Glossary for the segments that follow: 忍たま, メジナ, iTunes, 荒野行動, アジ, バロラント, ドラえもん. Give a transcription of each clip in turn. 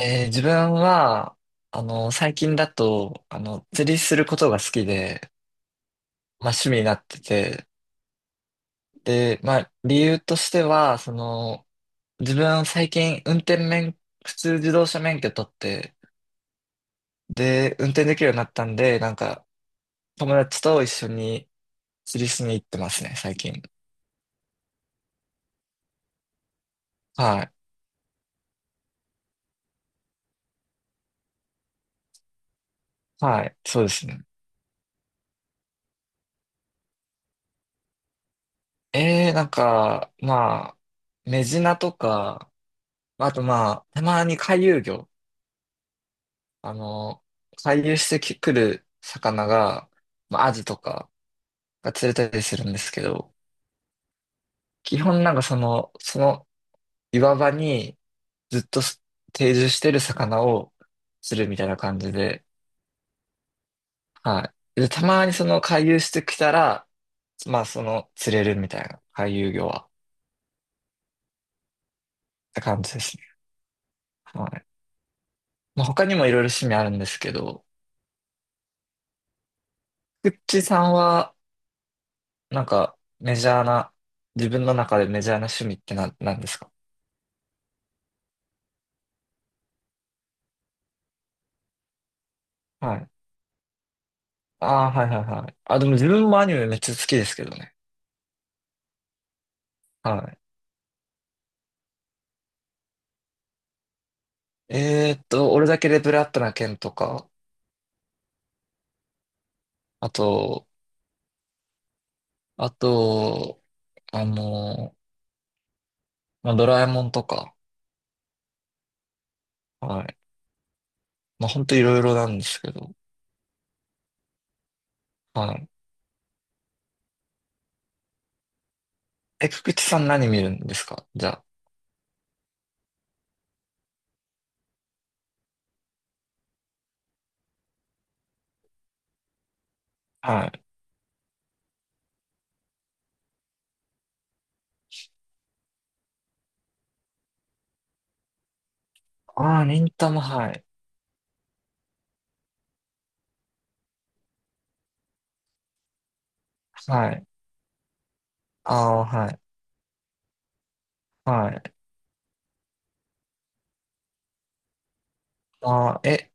自分は、あの、最近だと、あの、釣りすることが好きで、まあ趣味になってて、で、まあ理由としては、その、自分最近運転免、普通自動車免許取って、で、運転できるようになったんで、なんか、友達と一緒に釣りしに行ってますね、最近。はい。はい。そうですね。なんか、まあ、メジナとか、あとまあ、たまに回遊魚。あの、回遊してくる魚が、まあ、アジとかが釣れたりするんですけど、基本なんかその、その岩場にずっと定住してる魚を釣るみたいな感じで、はい。で、たまにその回遊してきたら、まあその釣れるみたいな、回遊魚は、って感じですね。はい。まあ他にもいろいろ趣味あるんですけど、くっちさんは、なんかメジャーな、自分の中でメジャーな趣味ってなんですか？はい。ああ、はいはいはい。あ、でも自分もアニメめっちゃ好きですけどね。はい。俺だけでブラッドな剣とか、あと、あと、あのまあ、ドラえもんとか、はい。まあ、ほんといろいろなんですけど、はい。え、くくちさん何見るんですかじゃあ？はい。ああ、忍たま、はい。はい。ああ、はい。はい。ああ、え、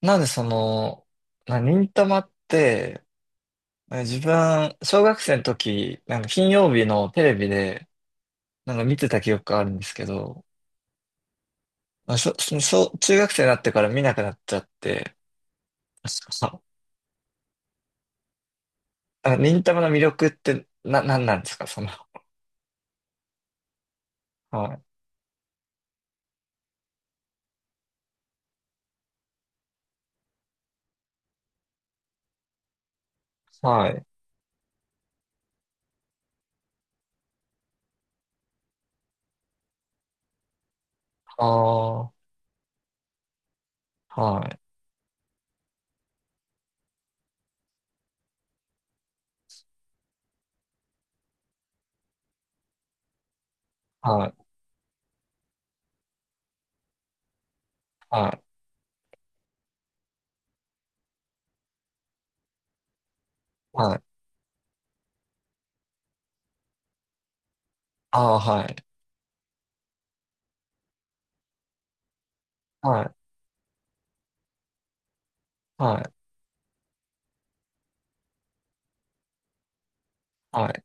なんでその、忍たまって、え自分、小学生の時、なんか金曜日のテレビで、なんか見てた記憶があるんですけど、まあ、そう中学生になってから見なくなっちゃって、あ、あ忍たまの魅力ってなんなんですか、その？はい。はい。ああ、はい。はい。はい。はい。ああ、はい。はい。はい。はい。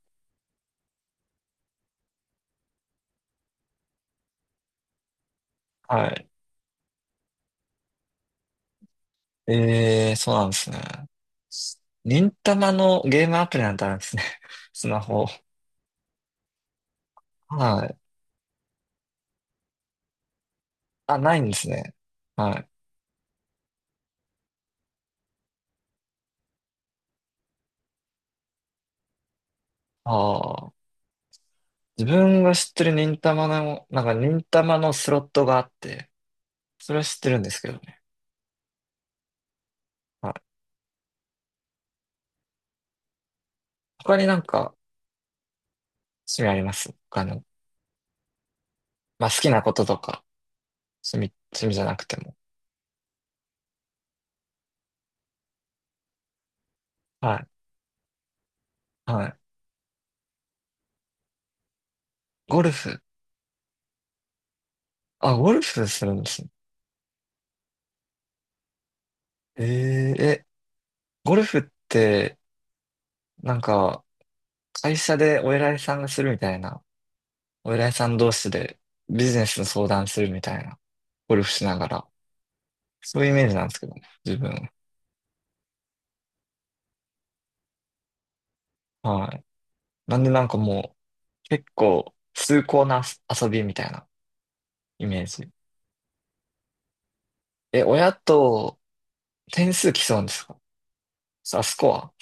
はい。ええ、そうなんですね。忍たまのゲームアプリなんてあるんですね。スマホ。はい。あ、ないんですね。はい。ああ。自分が知ってる忍たまの、なんか忍たまのスロットがあって、それは知ってるんですけどね。はい。他になんか趣味あります他の？まあ好きなこととか、趣味じゃなくても。はい。はい。ゴルフ。あ、ゴルフするんですね。ええ、ゴルフって、なんか、会社でお偉いさんがするみたいな、お偉いさん同士でビジネスの相談するみたいな、ゴルフしながら、そういうイメージなんですけどね、自分。はい。なんでなんかもう、結構、崇高な遊びみたいなイメージ。え、親と点数競うんですか？あ、スコ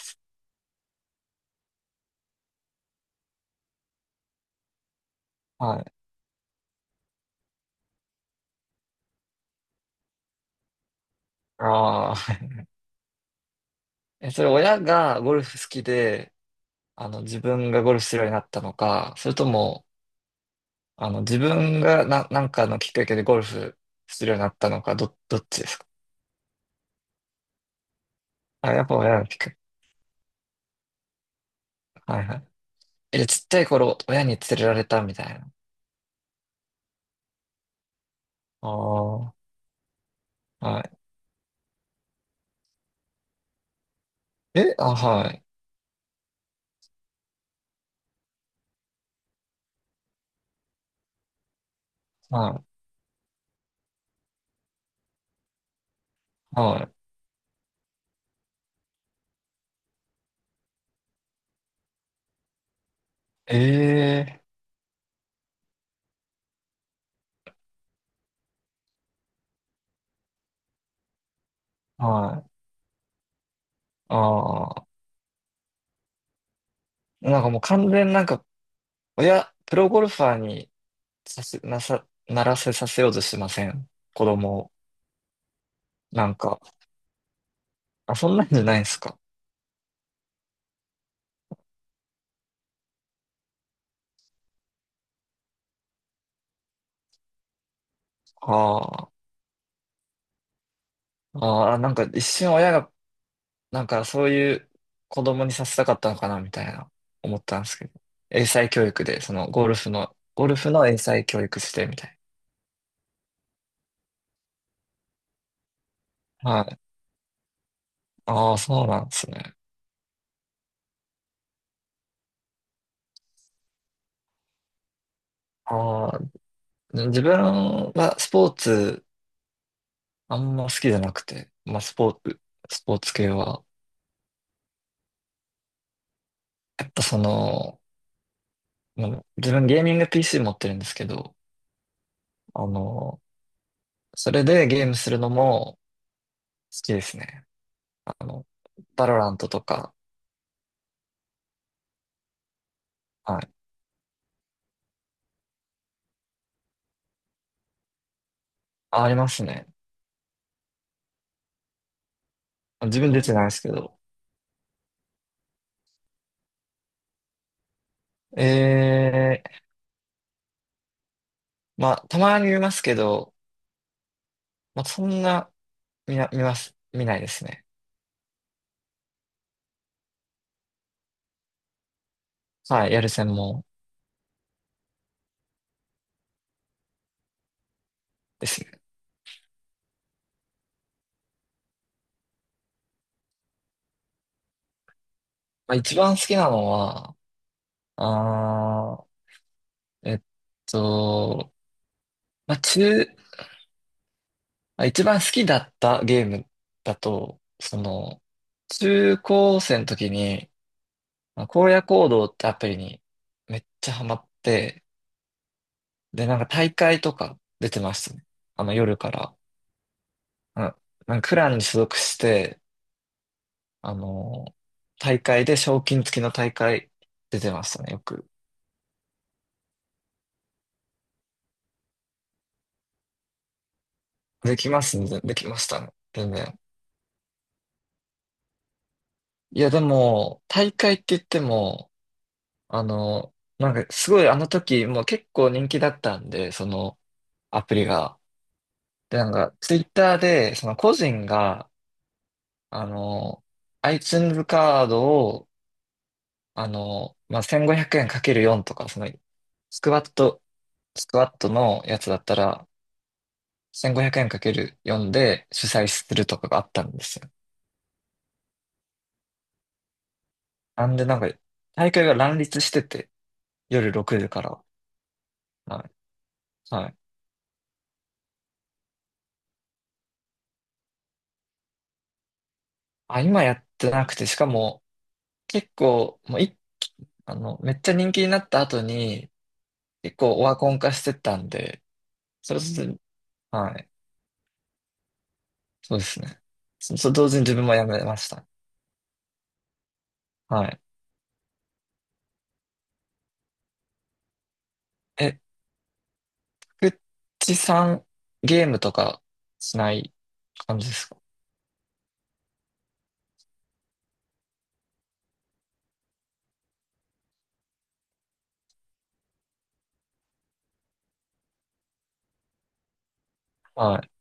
ア、はい。ああ。え、それ親がゴルフ好きで、あの、自分がゴルフするようになったのか、それとも、あの、自分がなんかのきっかけでゴルフするようになったのか、どっちですか？あ、やっぱ親のきっかけ。はいはい。え、ちっちゃい頃、親に連れられたみたいな。ああ。はい。え、あ、はい。はい。はい。ええ、はい。ああ。なんかもう完全になんか、親、プロゴルファーにさせ、なさ、ならせさせようとしてません。子供を。なんか、あ、そんなんじゃないんですか？ああ、ああ、なんか一瞬親が、なんかそういう子供にさせたかったのかな、みたいな、思ったんですけど。英才教育で、そのゴルフの英才教育して、みたいな。はい。ああ、そうなんですね。ああ、自分はスポーツ、あんま好きじゃなくて、まあスポーツ系は。やっぱその、まあ自分ゲーミング PC 持ってるんですけど、あの、それでゲームするのも好きですね。あの、バロラントとか、はい。あ、ありますね。自分出てないですけど。ええ、まあ、たまに見ますけど、まあ、そんな、見ないですね。はい、やる専門ですね。まあ、一番好きなのは、あー、えっと、まあ、まあ一番好きだったゲームだと、その、中高生の時に、まあ荒野行動ってアプリにめっちゃハマって、で、なんか大会とか出てましたね。あの夜から。うん、なんかクランに所属して、あの、大会で賞金付きの大会出てましたね、よく。できますね、できましたね、全然。いや、でも、大会って言っても、あの、なんかすごいあの時もう結構人気だったんで、その、アプリが。で、なんか、ツイッターで、その個人が、あの、iTunes カードを、あの、まあ、1500円かける4とか、その、スクワット、スクワットのやつだったら、1500円かける4で主催するとかがあったんですよ。なんで、なんか、大会が乱立してて、夜6時から。はい。はい。あ、今やってなくて、しかも、結構、もうい、あの、めっちゃ人気になった後に、結構オワコン化してったんで、それと、はい。そうですね。同時に自分もやめました。はい。え、くっちさん、ゲームとかしない感じですか？はい。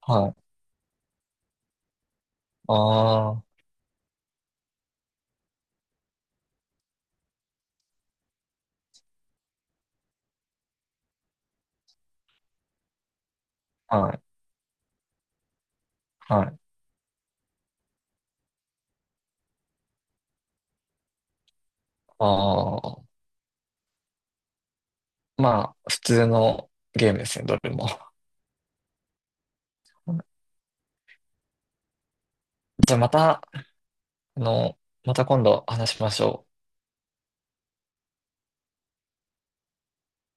はい。ああー、はい。はい。ああ。まあ、普通のゲームですね、どれも。じゃあまた、あの、また今度話しましょう。